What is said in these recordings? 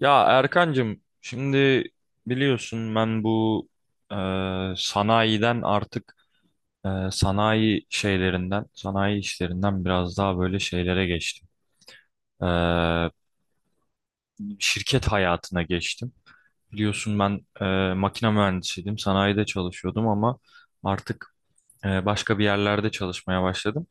Ya Erkancığım şimdi biliyorsun ben bu e, sanayiden artık, sanayi şeylerinden, sanayi işlerinden biraz daha böyle şeylere geçtim. E, Şirket hayatına geçtim. Biliyorsun ben makine mühendisiydim, sanayide çalışıyordum ama artık başka bir yerlerde çalışmaya başladım.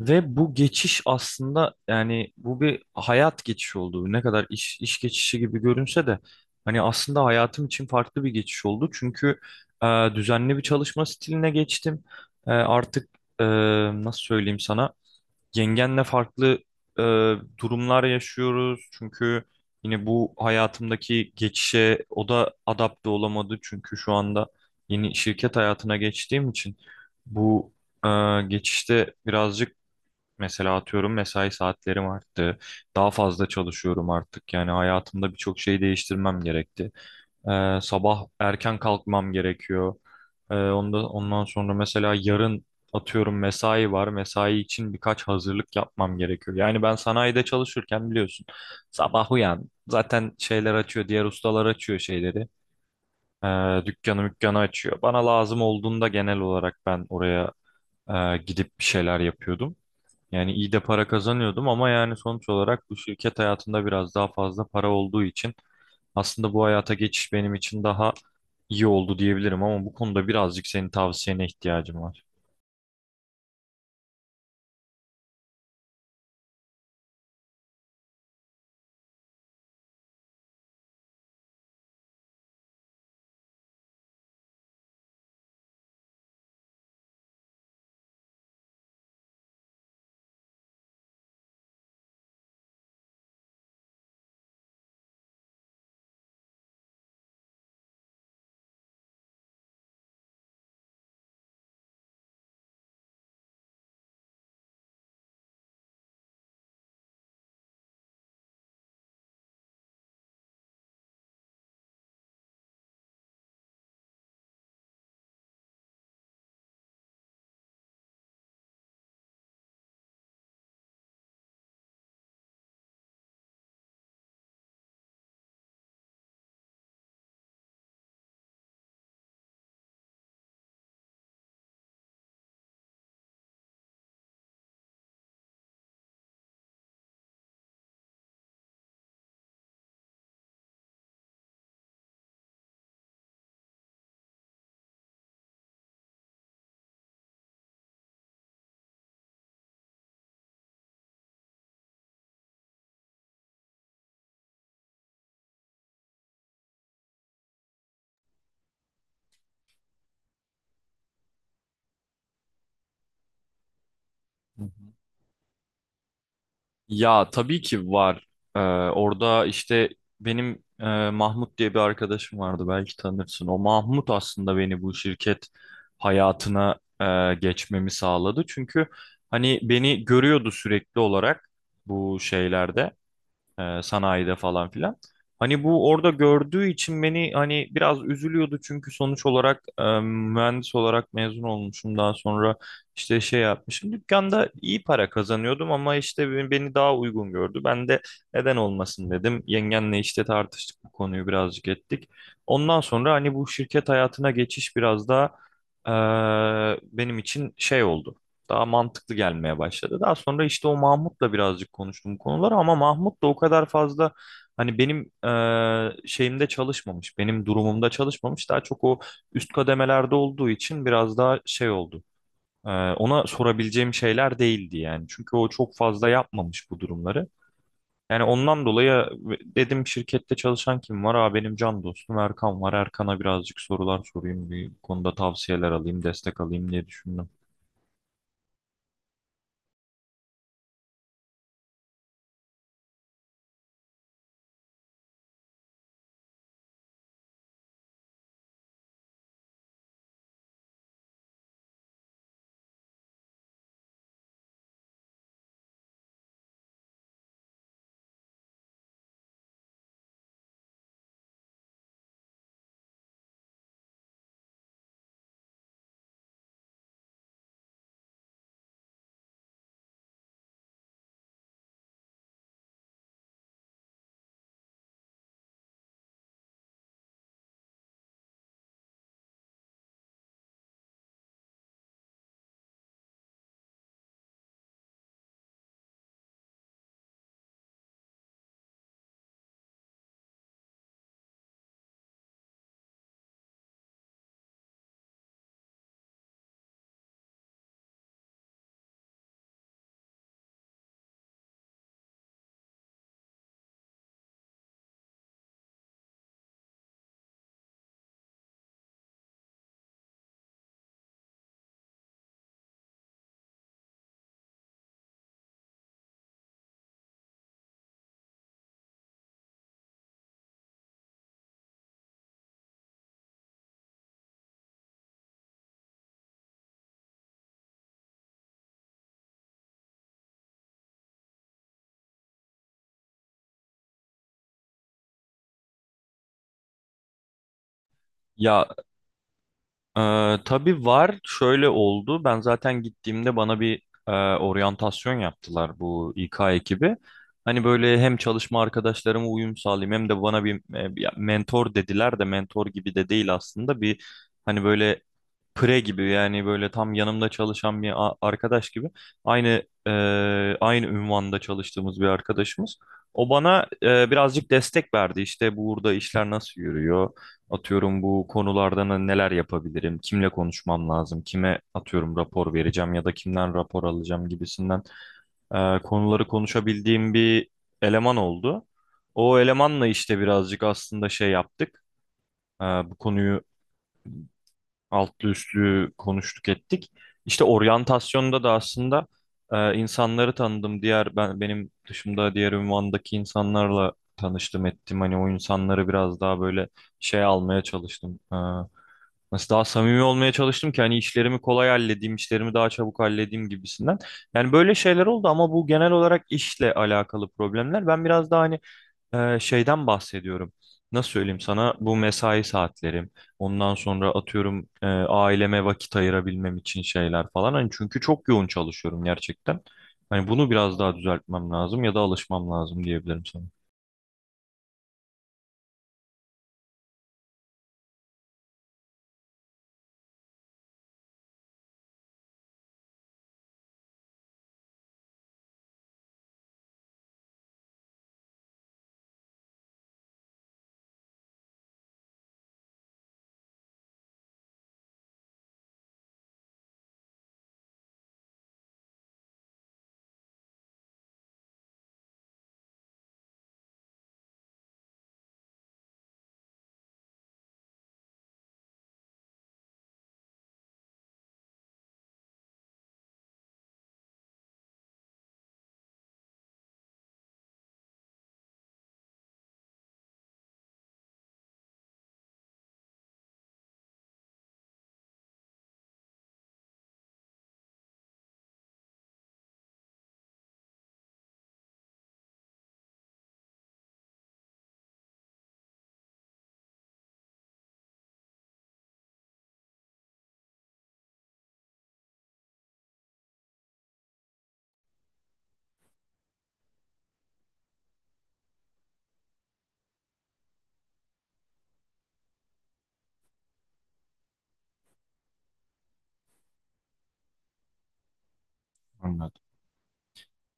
Ve bu geçiş aslında, yani bu bir hayat geçişi oldu. Ne kadar iş geçişi gibi görünse de hani aslında hayatım için farklı bir geçiş oldu. Çünkü düzenli bir çalışma stiline geçtim. E, artık e, nasıl söyleyeyim sana? Yengenle farklı e, durumlar yaşıyoruz. Çünkü yine bu hayatımdaki geçişe o da adapte olamadı. Çünkü şu anda yeni şirket hayatına geçtiğim için bu e, geçişte birazcık, mesela atıyorum, mesai saatlerim arttı. Daha fazla çalışıyorum artık. Yani hayatımda birçok şey değiştirmem gerekti. Sabah erken kalkmam gerekiyor. Ondan sonra mesela yarın atıyorum mesai var. Mesai için birkaç hazırlık yapmam gerekiyor. Yani ben sanayide çalışırken biliyorsun sabah uyan, zaten şeyler açıyor. Diğer ustalar açıyor şeyleri. Dükkanı mükkanı açıyor. Bana lazım olduğunda genel olarak ben oraya gidip bir şeyler yapıyordum. Yani iyi de para kazanıyordum ama yani sonuç olarak bu şirket hayatında biraz daha fazla para olduğu için aslında bu hayata geçiş benim için daha iyi oldu diyebilirim ama bu konuda birazcık senin tavsiyene ihtiyacım var. Hı hı. Ya tabii ki var. Ee, Orada işte benim Mahmut diye bir arkadaşım vardı, belki tanırsın. O Mahmut aslında beni bu şirket hayatına geçmemi sağladı. Çünkü hani beni görüyordu sürekli olarak bu şeylerde. Sanayide falan filan. Hani bu orada gördüğü için beni, hani biraz üzülüyordu çünkü sonuç olarak mühendis olarak mezun olmuşum, daha sonra işte şey yapmışım. Dükkanda iyi para kazanıyordum ama işte beni daha uygun gördü. Ben de neden olmasın dedim. Yengenle işte tartıştık, bu konuyu birazcık ettik. Ondan sonra hani bu şirket hayatına geçiş biraz daha benim için şey oldu. Daha mantıklı gelmeye başladı. Daha sonra işte o Mahmut'la birazcık konuştum bu konuları ama Mahmut da o kadar fazla hani benim şeyimde çalışmamış, benim durumumda çalışmamış. Daha çok o üst kademelerde olduğu için biraz daha şey oldu. Ona sorabileceğim şeyler değildi yani. Çünkü o çok fazla yapmamış bu durumları. Yani ondan dolayı dedim, şirkette çalışan kim var? Aa, benim can dostum Erkan var. Erkan'a birazcık sorular sorayım, bir konuda tavsiyeler alayım, destek alayım diye düşündüm. Ya Ee, tabii var. Şöyle oldu. Ben zaten gittiğimde bana bir oryantasyon yaptılar bu İK ekibi. Hani böyle hem çalışma arkadaşlarıma uyum sağlayayım hem de bana ya mentor dediler de mentor gibi de değil aslında. Bir hani böyle pre gibi, yani böyle tam yanımda çalışan bir arkadaş gibi aynı e, aynı ünvanda çalıştığımız bir arkadaşımız. O bana birazcık destek verdi. İşte burada işler nasıl yürüyor? Atıyorum bu konularda neler yapabilirim? Kimle konuşmam lazım? Kime atıyorum rapor vereceğim ya da kimden rapor alacağım gibisinden konuları konuşabildiğim bir eleman oldu. O elemanla işte birazcık aslında şey yaptık. Bu konuyu altlı üstlü konuştuk ettik. İşte oryantasyonda da aslında insanları tanıdım. Diğer ben Benim dışımda diğer ünvandaki insanlarla tanıştım ettim. Hani o insanları biraz daha böyle şey almaya çalıştım. Nasıl daha samimi olmaya çalıştım ki hani işlerimi kolay halledeyim, işlerimi daha çabuk halledeyim gibisinden. Yani böyle şeyler oldu ama bu genel olarak işle alakalı problemler. Ben biraz daha hani şeyden bahsediyorum. Nasıl söyleyeyim sana? Bu mesai saatlerim. Ondan sonra atıyorum aileme vakit ayırabilmem için şeyler falan. Hani çünkü çok yoğun çalışıyorum gerçekten. Hani bunu biraz daha düzeltmem lazım ya da alışmam lazım diyebilirim sana. Anladım.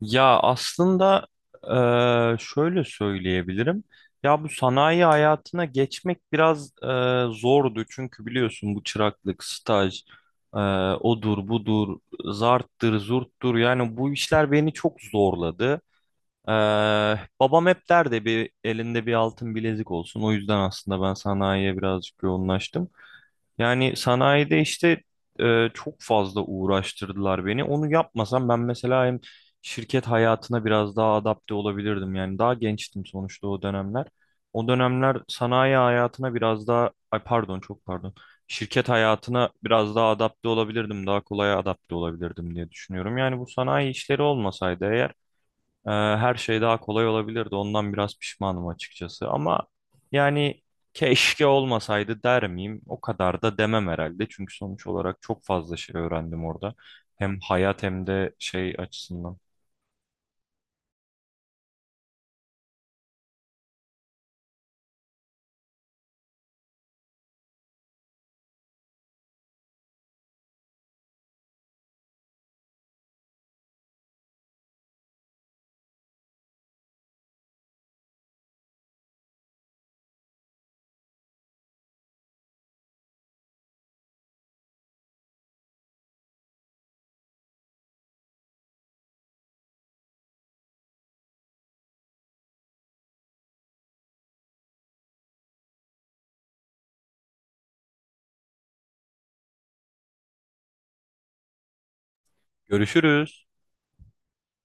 Ya aslında şöyle söyleyebilirim. Ya bu sanayi hayatına geçmek biraz zordu. Çünkü biliyorsun bu çıraklık, staj, eee, odur budur, zarttır, zurttur. Yani bu işler beni çok zorladı. Ee, Babam hep derdi bir elinde bir altın bilezik olsun. O yüzden aslında ben sanayiye birazcık yoğunlaştım. Yani sanayide işte çok fazla uğraştırdılar beni. Onu yapmasam ben mesela hem şirket hayatına biraz daha adapte olabilirdim. Yani daha gençtim sonuçta o dönemler. O dönemler sanayi hayatına biraz daha, ay pardon, çok pardon. Şirket hayatına biraz daha adapte olabilirdim. Daha kolay adapte olabilirdim diye düşünüyorum. Yani bu sanayi işleri olmasaydı eğer her şey daha kolay olabilirdi. Ondan biraz pişmanım açıkçası. Ama yani keşke olmasaydı der miyim? O kadar da demem herhalde. Çünkü sonuç olarak çok fazla şey öğrendim orada. Hem hayat hem de şey açısından. Görüşürüz.